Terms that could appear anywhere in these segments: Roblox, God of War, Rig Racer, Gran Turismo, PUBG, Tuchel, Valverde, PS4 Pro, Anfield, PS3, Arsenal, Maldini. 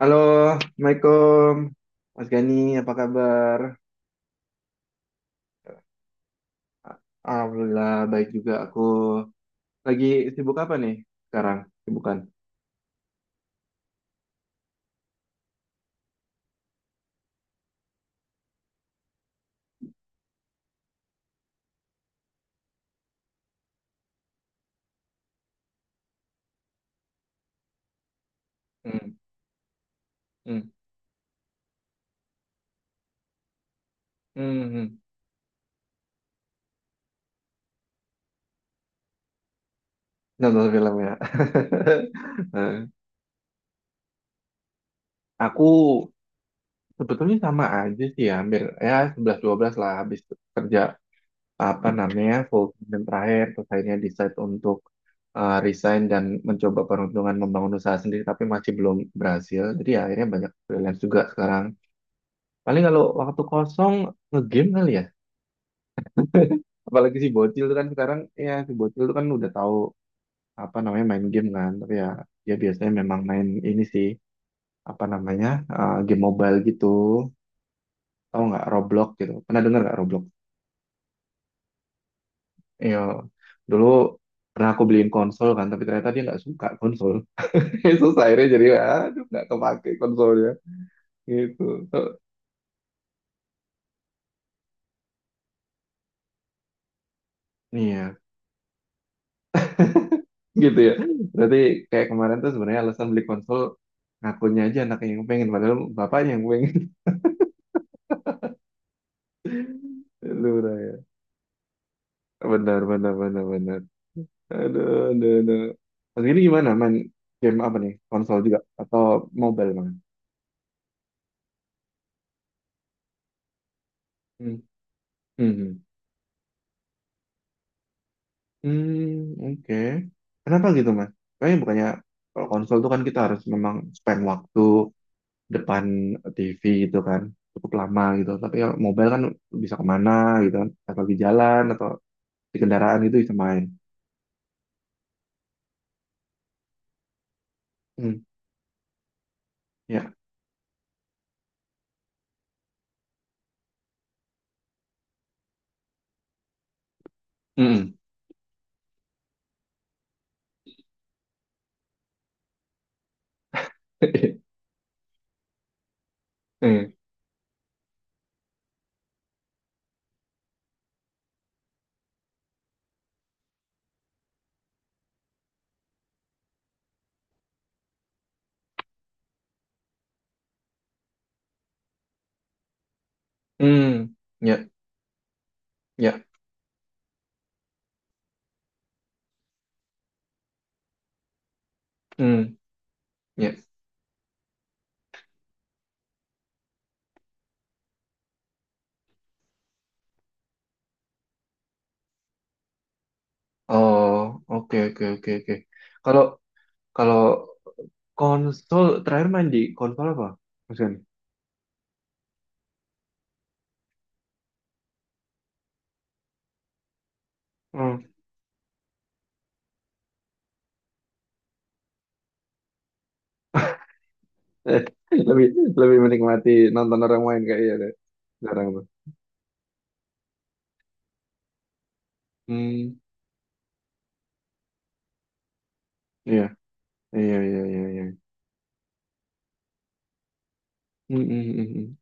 Halo, Assalamualaikum. Mas Gani, apa kabar? A- Alhamdulillah, baik juga aku. Lagi sibuk apa nih sekarang? Sibukan. Hmm, hmm, hmm, hmm. Nonton film, ya. Eh, Aku sebetulnya sama aja sih ya, hampir ya sebelas dua belas lah habis kerja apa namanya full dan terakhir, terus akhirnya decide untuk resign dan mencoba peruntungan membangun usaha sendiri, tapi masih belum berhasil. Jadi ya akhirnya banyak freelance juga sekarang. Paling kalau waktu kosong ngegame kali ya. Apalagi si bocil tuh kan udah tahu apa namanya main game kan. Tapi ya dia biasanya memang main ini sih apa namanya game mobile gitu. Tahu nggak Roblox gitu? Pernah dengar nggak Roblox? Iya. Dulu pernah aku beliin konsol kan, tapi ternyata dia nggak suka konsol. Susah akhirnya, jadi aduh nggak kepake konsolnya gitu. Iya. Gitu ya. Berarti kayak kemarin tuh sebenarnya alasan beli konsol ngakunya aja anaknya yang pengen padahal bapaknya yang pengen. Lu ya. Benar benar benar benar. Aduh aduh aduh. Mas ini gimana main game apa nih? Konsol juga atau mobile banget? Hmm. Hmm. Hmm, hmm, oke. Kenapa gitu, Mas? Kayaknya bukannya kalau konsol tuh kan kita harus memang spend waktu depan TV gitu kan, cukup lama gitu. Tapi ya mobile kan bisa kemana gitu kan, atau lagi jalan atau di kendaraan itu bisa main. Hmm, ya. Hmm. Hmm. Hmm. Ya, ya. Hmm. Ya. Oh, oke oke oke oke. Kalau kalau konsol terakhir main di konsol apa, Mas? Hmm. Eh, lebih lebih menikmati nonton orang main kayaknya deh. Sekarang tuh. Hmm. Iya. Iya iya iya iya. Hmm, hmm, hmm, hmm.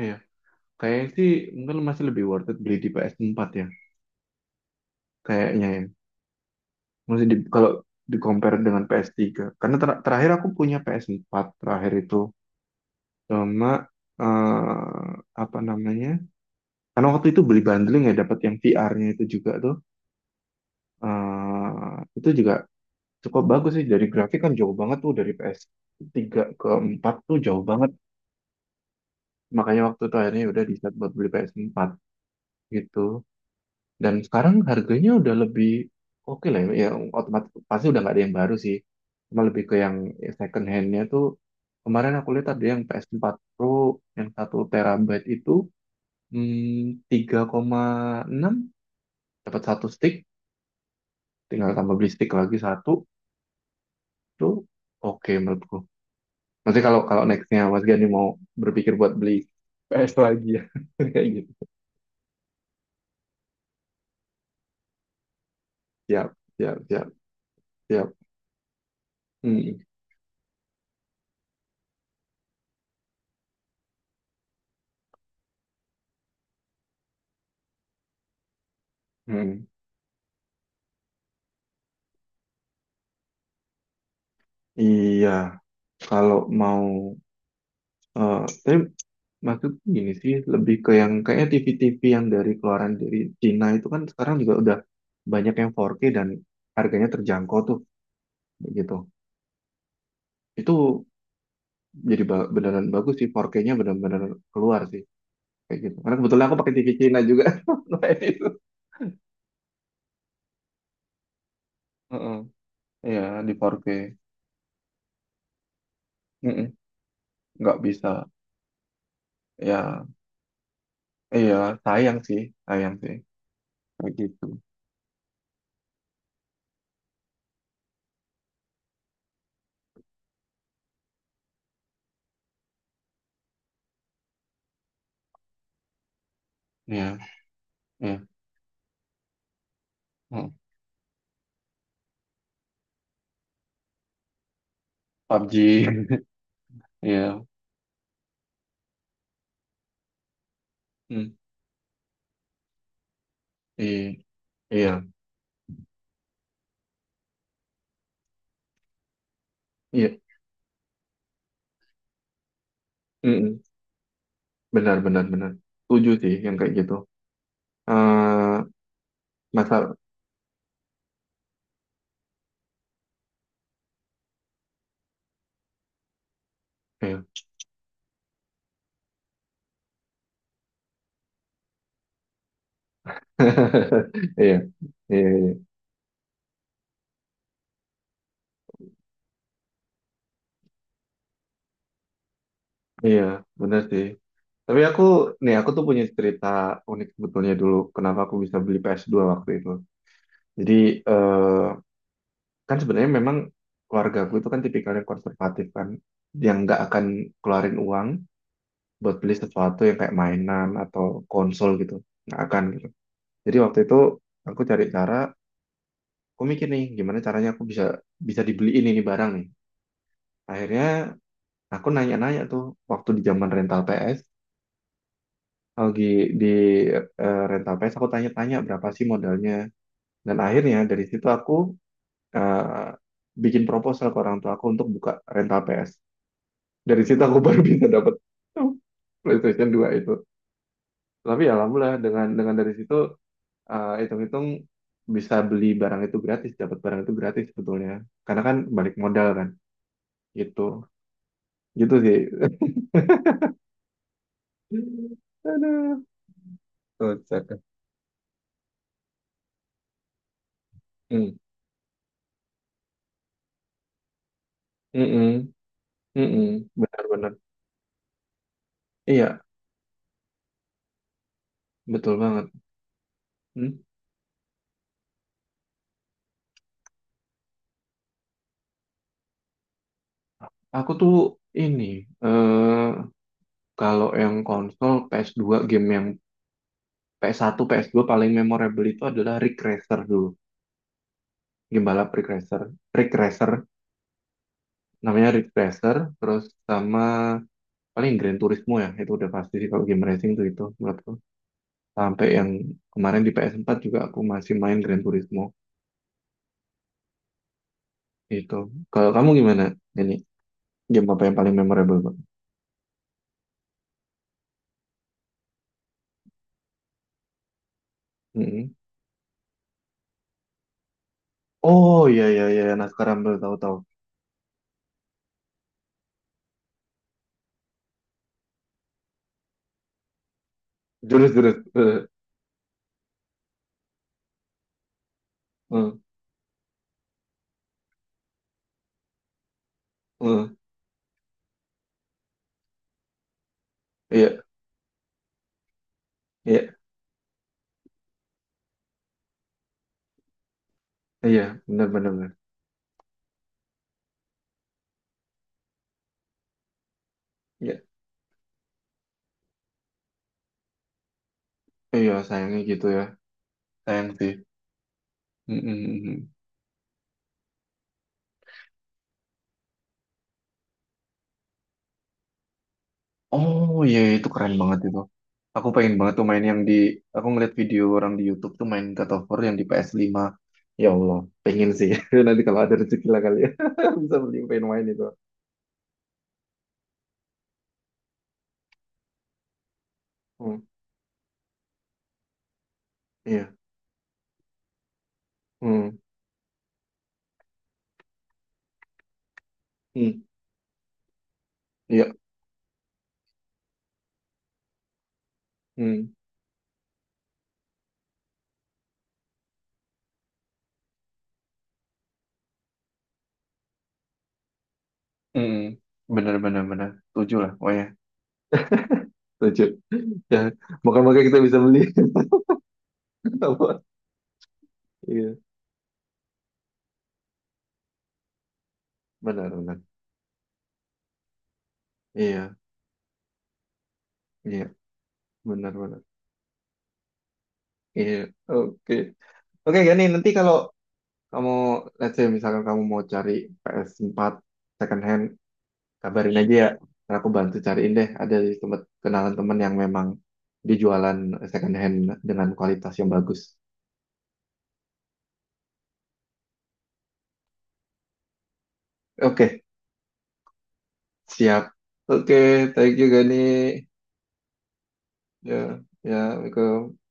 Iya. Kayaknya sih mungkin masih lebih worth it beli di PS4 ya. Kayaknya ya. Kalau di compare dengan PS3. Karena terakhir aku punya PS4 terakhir itu sama eh, apa namanya? Karena waktu itu beli bundling ya dapat yang VR-nya itu juga tuh. Itu juga cukup bagus sih, dari grafik kan jauh banget tuh dari PS3 ke 4 tuh jauh banget. Makanya waktu itu akhirnya ya udah di buat beli PS4 gitu. Dan sekarang harganya udah lebih oke lah ya, otomatis pasti udah nggak ada yang baru sih. Cuma lebih ke yang second handnya tuh kemarin aku lihat ada yang PS4 Pro yang 1 terabyte itu 3,6 dapat satu stick, tinggal tambah beli stick lagi satu tuh oke menurutku. Nanti kalau kalau nextnya Mas Gani mau berpikir buat beli PS lagi ya kayak gitu. Siap, siap, siap, siap. Hmm. Hmm. Iya, kalau mau. Eh, tapi maksud gini sih, lebih ke yang kayaknya TV-TV yang dari keluaran dari Cina itu kan sekarang juga udah banyak yang 4K dan harganya terjangkau tuh, gitu. Itu jadi beneran bagus sih, 4K-nya bener-bener keluar sih, kayak gitu. Karena kebetulan aku pakai TV Cina juga, makanya itu. Heeh. Iya, di 4K. Mm-mm. Nggak bisa. Ya, iya, sayang sih, sayang sih, kayak gitu. Iya, iya. Heeh. PUBG, iya. Mm. Iya, iya. Iya. Mm-mm. Benar benar benar, setuju sih yang kayak gitu eh masa eh. Iya iya iya. Iya, benar sih, tapi aku tuh punya cerita unik sebetulnya. Dulu kenapa aku bisa beli PS2 waktu itu, jadi eh kan sebenarnya memang keluarga aku itu kan tipikalnya konservatif kan, yang nggak akan keluarin uang buat beli sesuatu yang kayak mainan atau konsol gitu, nggak akan gitu. Jadi waktu itu aku cari cara. Aku mikir nih, gimana caranya aku bisa bisa dibeliin ini barang nih. Akhirnya aku nanya-nanya tuh waktu di zaman rental PS, lagi di rental PS aku tanya-tanya berapa sih modalnya. Dan akhirnya dari situ aku eh, bikin proposal ke orang tua aku untuk buka rental PS. Dari situ aku baru bisa dapat PlayStation 2 itu. Tapi ya alhamdulillah dengan dari situ hitung-hitung bisa beli barang itu gratis, dapat barang itu gratis sebetulnya. Karena kan balik modal kan gitu. Gitu sih. Aduh, kocak. Hmm. Mm-mm. Mm-mm. Benar-benar. Iya, betul banget. Hmm. Aku tuh ini, eh kalau yang konsol PS2 game yang PS1, PS2 paling memorable itu adalah Rig Racer dulu. Game balap Rig Racer. Rig Racer, namanya Rig Racer, terus sama paling Gran Turismo ya, itu udah pasti sih kalau game racing tuh itu menurutku. Sampai yang kemarin di PS4 juga aku masih main Gran Turismo. Itu. Kalau kamu gimana? Ini game apa yang paling memorable, Bang? Mm-mm. Oh iya iya iya, Naskah Rumble tahu-tahu. Jurus jurus. Eh, eh. Iya iya iya, benar benar benar. Iya. Iya, sayangnya gitu ya, sayang sih. Mm-mm. Oh iya iya, itu keren banget itu. Aku pengen banget tuh main yang di, aku ngeliat video orang di YouTube tuh main God of War yang di PS5. Ya Allah, pengen sih. Nanti kalau ada rezeki lah kali ya, bisa beli pengen main itu. Hmm, iya, hmm, hmm, iya, hmm. Mm, bener bener bener tujuh lah, oh ya tujuh. Ya, moga-moga kita bisa beli. Apa? Iya, benar benar. Iya, iya, benar benar. Iya, oke. Oke, Gani, nanti kalau kamu let's say misalkan kamu mau cari PS4 second hand, kabarin aja ya. Ntar aku bantu cariin deh. Ada di tempat kenalan teman yang memang dijualan second hand dengan kualitas yang bagus. Oke, siap. Oke, thank you, Gani. Ya, ya, Assalamualaikum.